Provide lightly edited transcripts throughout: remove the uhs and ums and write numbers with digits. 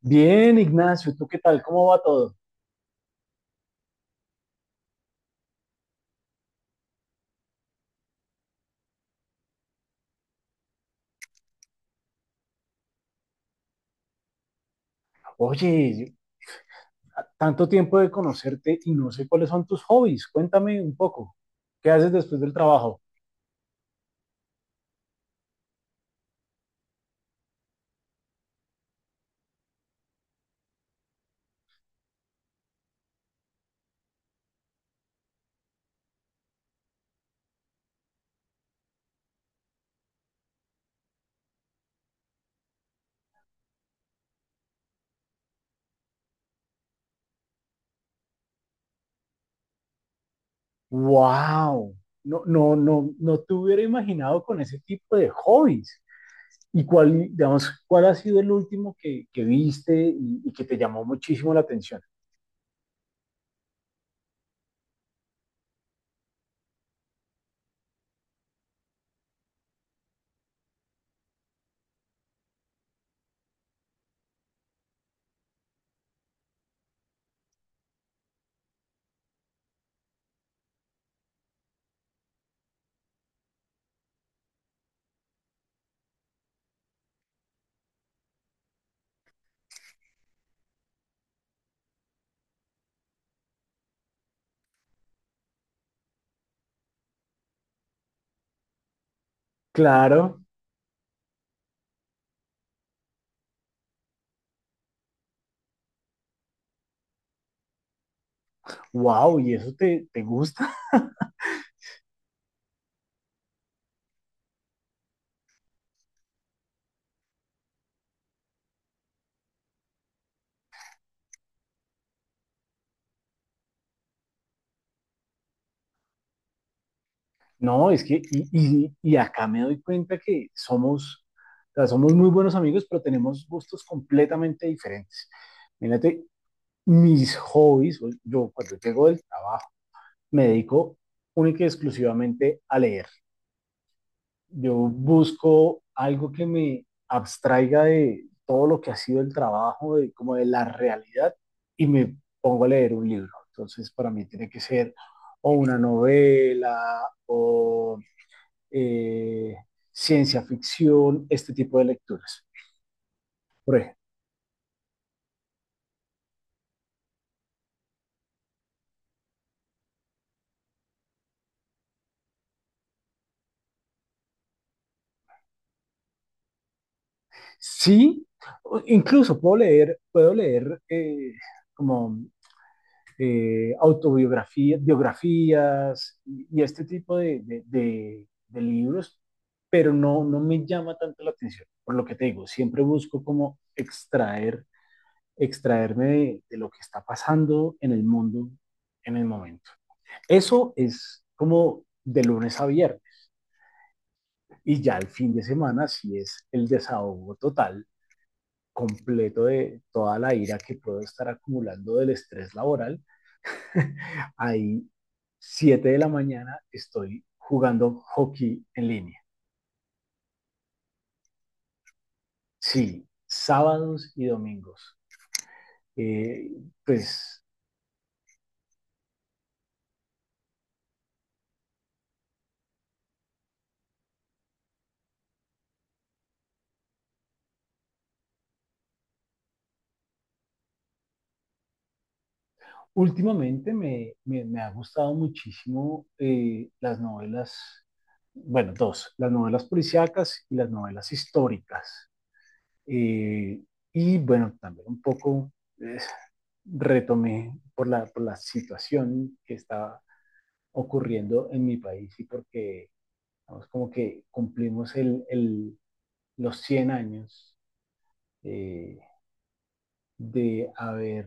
Bien, Ignacio, ¿tú qué tal? ¿Cómo va todo? Oye, tanto tiempo de conocerte y no sé cuáles son tus hobbies. Cuéntame un poco. ¿Qué haces después del trabajo? ¡Wow! No, no, no, no te hubiera imaginado con ese tipo de hobbies. ¿Y cuál, digamos, cuál ha sido el último que viste y que te llamó muchísimo la atención? Claro. ¡Wow! ¿Y eso te gusta? No, es que, y acá me doy cuenta que somos, o sea, somos muy buenos amigos, pero tenemos gustos completamente diferentes. Mírate, mis hobbies, yo cuando llego del trabajo, me dedico única y exclusivamente a leer. Yo busco algo que me abstraiga de todo lo que ha sido el trabajo, como de la realidad, y me pongo a leer un libro. Entonces, para mí tiene que ser o una novela, o eh, ciencia ficción, este tipo de lecturas. Por ejemplo, sí, incluso puedo leer, puedo leer como autobiografías, biografías y este tipo de libros, pero no me llama tanto la atención. Por lo que te digo, siempre busco como extraerme de lo que está pasando en el mundo en el momento. Eso es como de lunes a viernes. Y ya el fin de semana sí es el desahogo total, completo de toda la ira que puedo estar acumulando del estrés laboral. Ahí, 7 de la mañana, estoy jugando hockey en línea. Sí, sábados y domingos. Eh, pues últimamente me ha gustado muchísimo las novelas, bueno, dos, las novelas policíacas y las novelas históricas. Eh, y bueno, también un poco eh, retomé por la situación que estaba ocurriendo en mi país y porque vamos, como que cumplimos los 100 años eh, de haber,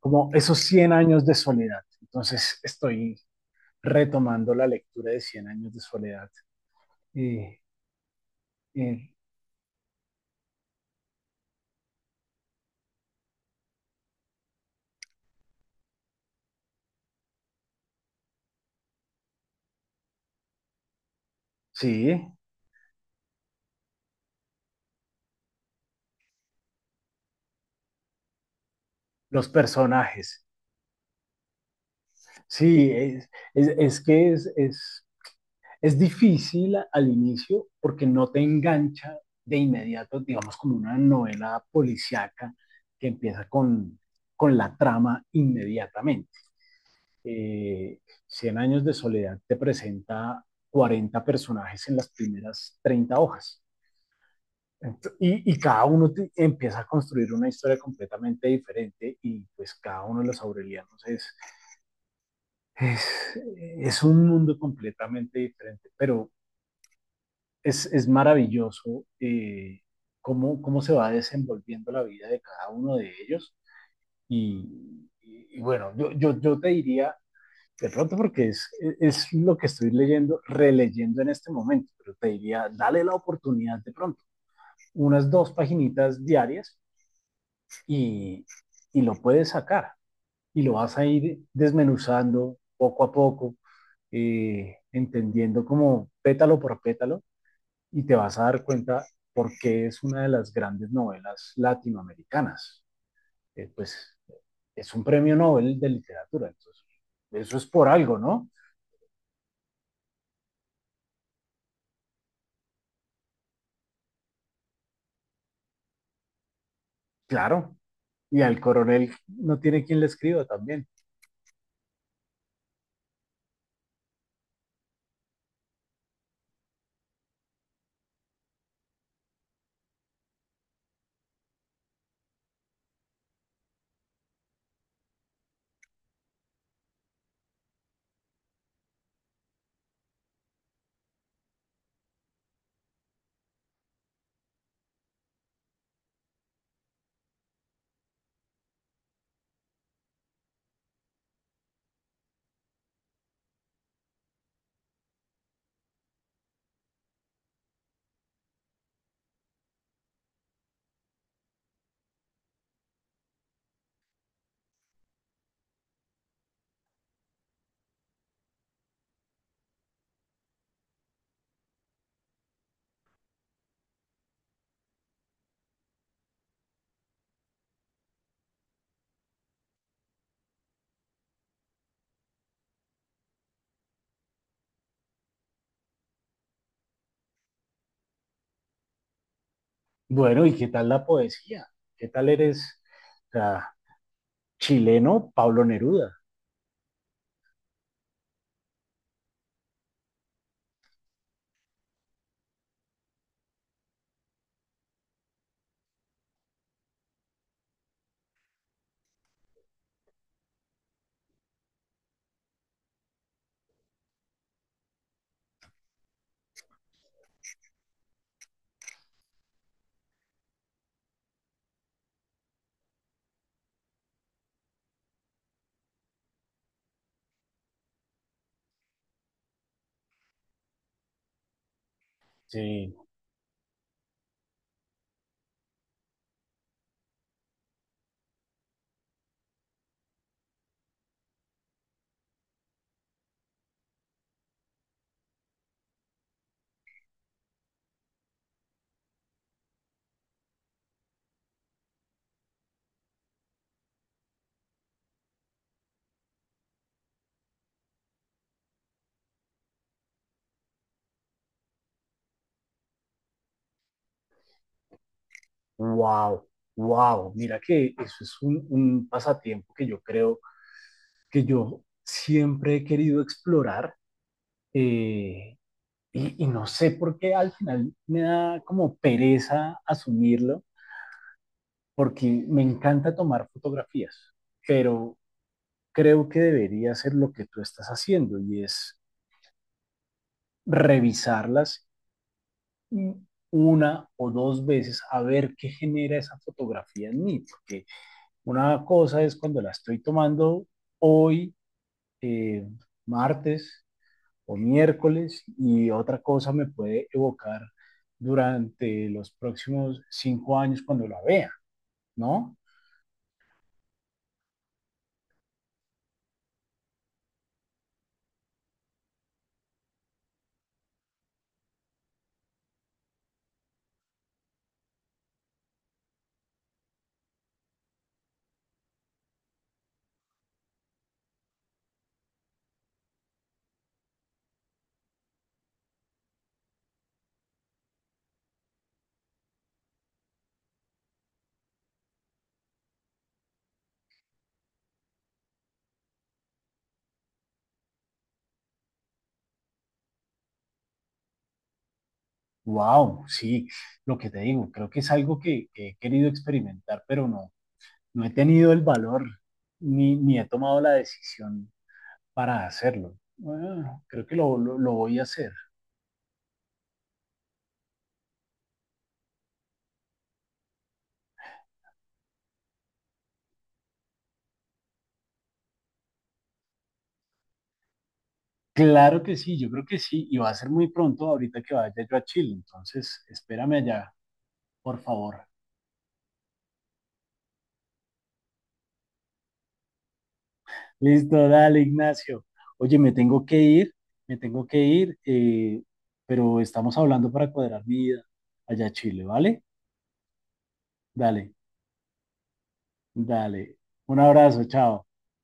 como esos Cien años de soledad. Entonces estoy retomando la lectura de Cien años de soledad. Eh, eh, sí, los personajes. Sí, es que es difícil al inicio porque no te engancha de inmediato, digamos, como una novela policiaca que empieza con la trama inmediatamente. Eh, Cien años de soledad te presenta 40 personajes en las primeras 30 hojas. Y cada uno empieza a construir una historia completamente diferente y pues cada uno de los aurelianos es, es un mundo completamente diferente, pero es maravilloso cómo se va desenvolviendo la vida de cada uno de ellos. Y bueno, yo te diría, de pronto porque es lo que estoy leyendo, releyendo en este momento, pero te diría, dale la oportunidad de pronto, unas 2 paginitas diarias y, y lo puedes sacar y lo vas a ir desmenuzando poco a poco, entendiendo como pétalo por pétalo y te vas a dar cuenta por qué es una de las grandes novelas latinoamericanas. Pues es un premio Nobel de literatura, entonces eso es por algo, ¿no? Claro, y al coronel no tiene quien le escriba también. Bueno, ¿y qué tal la poesía? ¿Qué tal eres, o sea, chileno Pablo Neruda? Sí, wow, wow. Mira que eso es un pasatiempo que yo creo que yo siempre he querido explorar. Eh, y no sé por qué al final me da como pereza asumirlo, porque me encanta tomar fotografías, pero creo que debería ser lo que tú estás haciendo y es revisarlas una o dos veces a ver qué genera esa fotografía en mí, porque una cosa es cuando la estoy tomando hoy, eh, martes o miércoles y otra cosa me puede evocar durante los próximos 5 años cuando la vea, ¿no? Wow, sí, lo que te digo, creo que es algo que he querido experimentar, pero no he tenido el valor ni he tomado la decisión para hacerlo. Bueno, creo que lo voy a hacer. Claro que sí, yo creo que sí, y va a ser muy pronto ahorita que vaya yo a Chile, entonces espérame allá, por favor. Listo, dale, Ignacio. Oye, me tengo que ir, me tengo que ir, pero estamos hablando para cuadrar mi vida allá a Chile, ¿vale? Dale, dale. Un abrazo, chao.